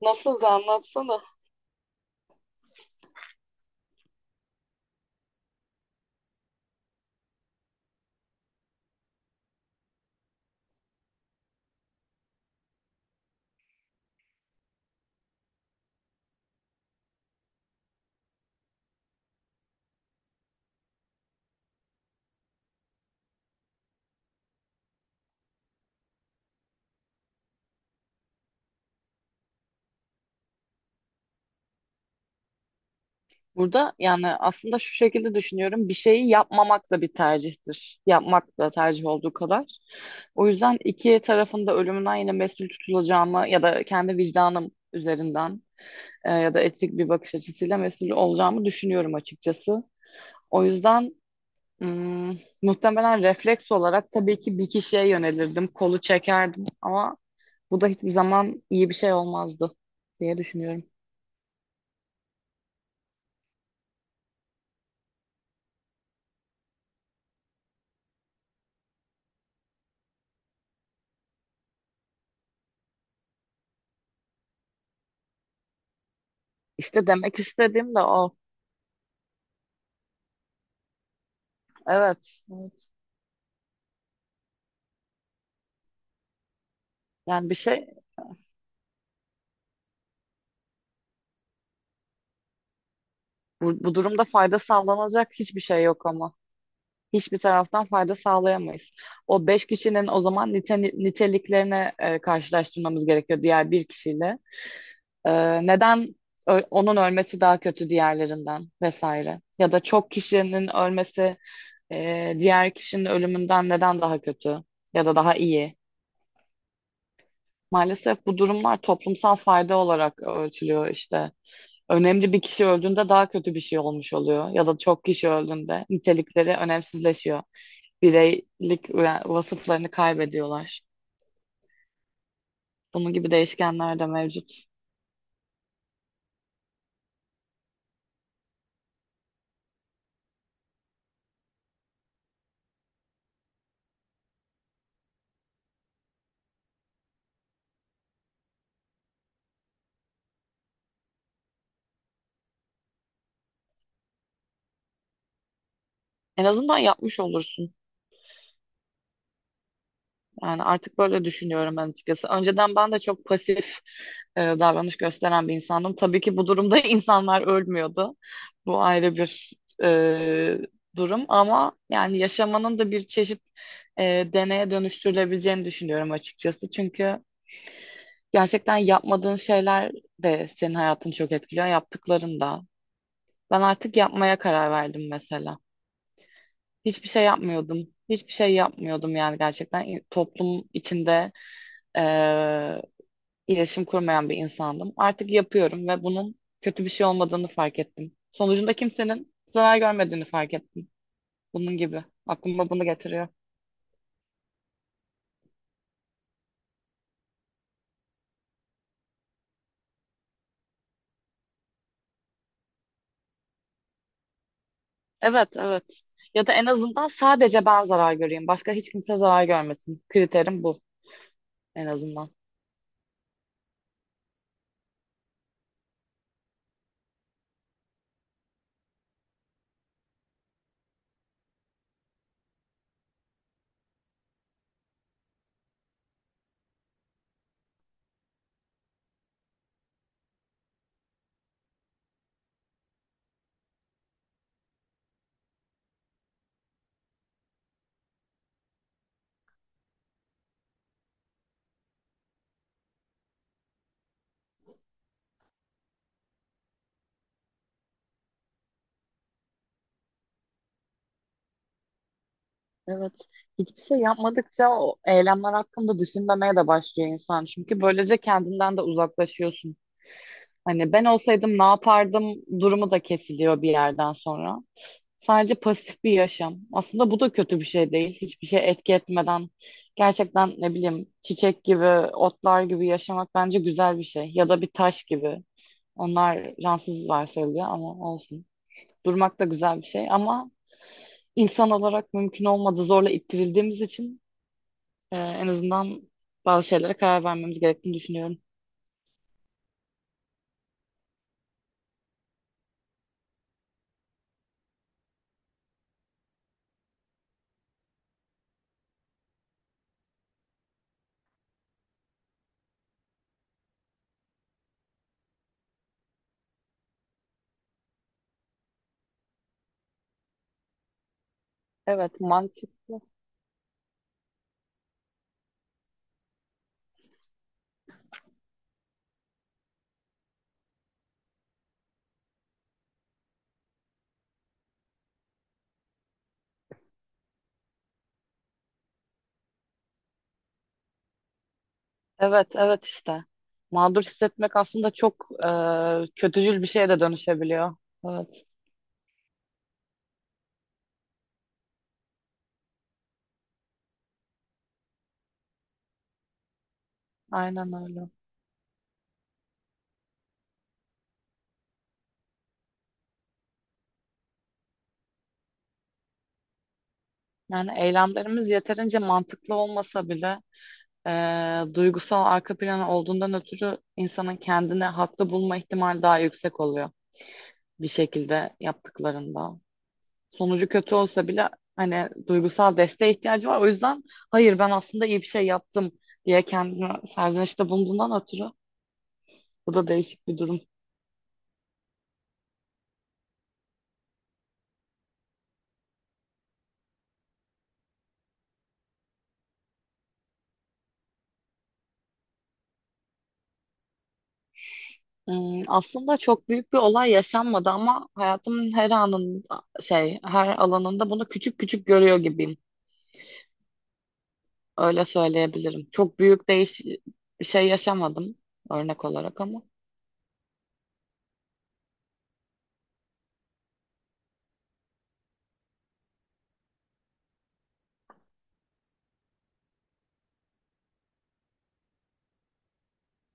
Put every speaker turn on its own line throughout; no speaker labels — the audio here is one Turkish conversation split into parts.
Nasıl da anlatsana. Burada yani aslında şu şekilde düşünüyorum. Bir şeyi yapmamak da bir tercihtir. Yapmak da tercih olduğu kadar. O yüzden iki tarafında ölümünden yine mesul tutulacağımı ya da kendi vicdanım üzerinden ya da etik bir bakış açısıyla mesul olacağımı düşünüyorum açıkçası. O yüzden muhtemelen refleks olarak tabii ki bir kişiye yönelirdim, kolu çekerdim ama bu da hiçbir zaman iyi bir şey olmazdı diye düşünüyorum. İşte demek istediğim de o. Evet, evet. Yani bir şey bu durumda fayda sağlanacak hiçbir şey yok ama. Hiçbir taraftan fayda sağlayamayız. O beş kişinin o zaman niteliklerini karşılaştırmamız gerekiyor diğer bir kişiyle. E, neden onun ölmesi daha kötü diğerlerinden vesaire? Ya da çok kişinin ölmesi diğer kişinin ölümünden neden daha kötü ya da daha iyi? Maalesef bu durumlar toplumsal fayda olarak ölçülüyor işte. Önemli bir kişi öldüğünde daha kötü bir şey olmuş oluyor ya da çok kişi öldüğünde nitelikleri önemsizleşiyor. Bireylik yani vasıflarını kaybediyorlar. Bunun gibi değişkenler de mevcut. En azından yapmış olursun. Yani artık böyle düşünüyorum ben açıkçası. Önceden ben de çok pasif davranış gösteren bir insandım. Tabii ki bu durumda insanlar ölmüyordu. Bu ayrı bir e, durum ama yani yaşamanın da bir çeşit e, deneye dönüştürülebileceğini düşünüyorum açıkçası. Çünkü gerçekten yapmadığın şeyler de senin hayatını çok etkiliyor, yaptıkların da. Ben artık yapmaya karar verdim mesela. Hiçbir şey yapmıyordum. Hiçbir şey yapmıyordum yani gerçekten toplum içinde eee iletişim kurmayan bir insandım. Artık yapıyorum ve bunun kötü bir şey olmadığını fark ettim. Sonucunda kimsenin zarar görmediğini fark ettim. Bunun gibi. Aklıma bunu getiriyor. Evet, evet. Ya da en azından sadece ben zarar göreyim. Başka hiç kimse zarar görmesin. Kriterim bu en azından. Evet. Hiçbir şey yapmadıkça o eylemler hakkında düşünmemeye de başlıyor insan. Çünkü böylece kendinden de uzaklaşıyorsun. Hani ben olsaydım ne yapardım durumu da kesiliyor bir yerden sonra. Sadece pasif bir yaşam. Aslında bu da kötü bir şey değil. Hiçbir şey etki etmeden gerçekten ne bileyim çiçek gibi, otlar gibi yaşamak bence güzel bir şey. Ya da bir taş gibi. Onlar cansız varsayılıyor ama olsun. Durmak da güzel bir şey ama insan olarak mümkün olmadı zorla ittirildiğimiz için en azından bazı şeylere karar vermemiz gerektiğini düşünüyorum. Evet, mantıklı. Evet, evet işte. Mağdur hissetmek aslında çok kötücül bir şeye de dönüşebiliyor. Evet, aynen öyle. Yani eylemlerimiz yeterince mantıklı olmasa bile duygusal arka planı olduğundan ötürü insanın kendini haklı bulma ihtimali daha yüksek oluyor, bir şekilde yaptıklarında. Sonucu kötü olsa bile hani duygusal desteğe ihtiyacı var. O yüzden hayır, ben aslında iyi bir şey yaptım diye kendine serzenişte bulunduğundan ötürü bu da değişik bir durum. Aslında çok büyük bir olay yaşanmadı ama hayatımın her anında şey, her alanında bunu küçük küçük görüyor gibiyim. Öyle söyleyebilirim. Çok büyük değiş bir şey yaşamadım örnek olarak ama.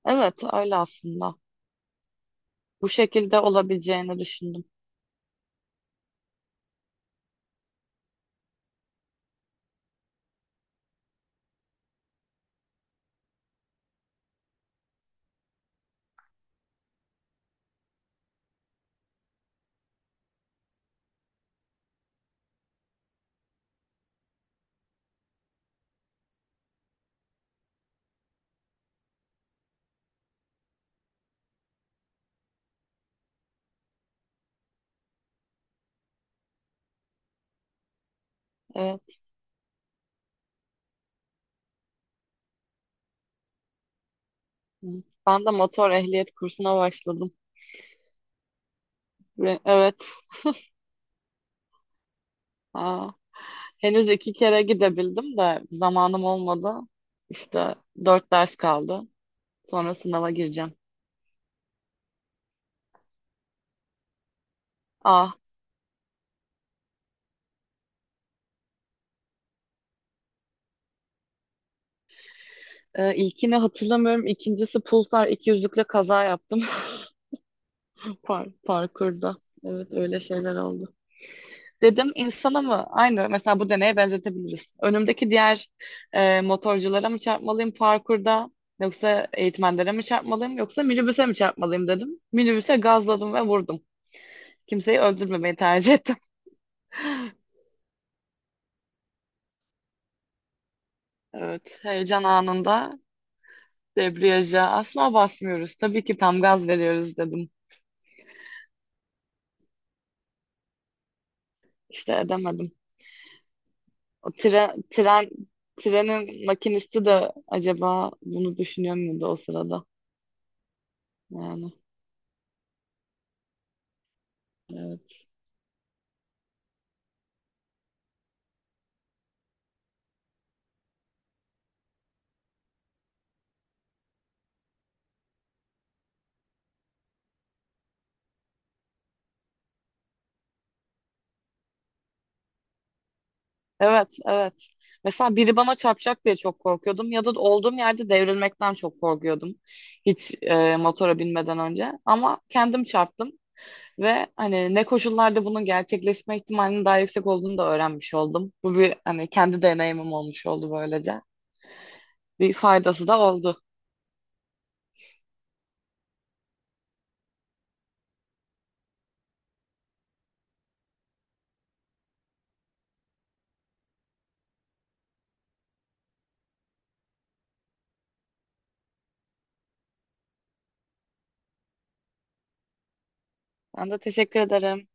Evet öyle aslında. Bu şekilde olabileceğini düşündüm. Ee, Ben de motor ehliyet kursuna başladım. Ve evet. Aa, henüz iki kere gidebildim de zamanım olmadı. İşte dört ders kaldı. Sonra sınava gireceğim. Ah, ilkini hatırlamıyorum. İkincisi Pulsar 200'lükle kaza yaptım parkurda. Evet öyle şeyler oldu. Dedim insana mı? Aynı mesela bu deneye benzetebiliriz. Önümdeki diğer motorculara mı çarpmalıyım parkurda yoksa eğitmenlere mi çarpmalıyım yoksa minibüse mi çarpmalıyım dedim. Minibüse gazladım ve vurdum. Kimseyi öldürmemeyi tercih ettim. Evet, heyecan anında debriyaja asla basmıyoruz. Tabii ki tam gaz veriyoruz dedim. İşte edemedim. O tren, tren, trenin makinisti de acaba bunu düşünüyor muydu o sırada? Yani evet. Evet, evet. Mesela biri bana çarpacak diye çok korkuyordum ya da olduğum yerde devrilmekten çok korkuyordum. Hiç motora binmeden önce ama kendim çarptım ve hani ne koşullarda bunun gerçekleşme ihtimalinin daha yüksek olduğunu da öğrenmiş oldum. Bu bir hani kendi deneyimim olmuş oldu böylece. Bir faydası da oldu. Ben de teşekkür ederim.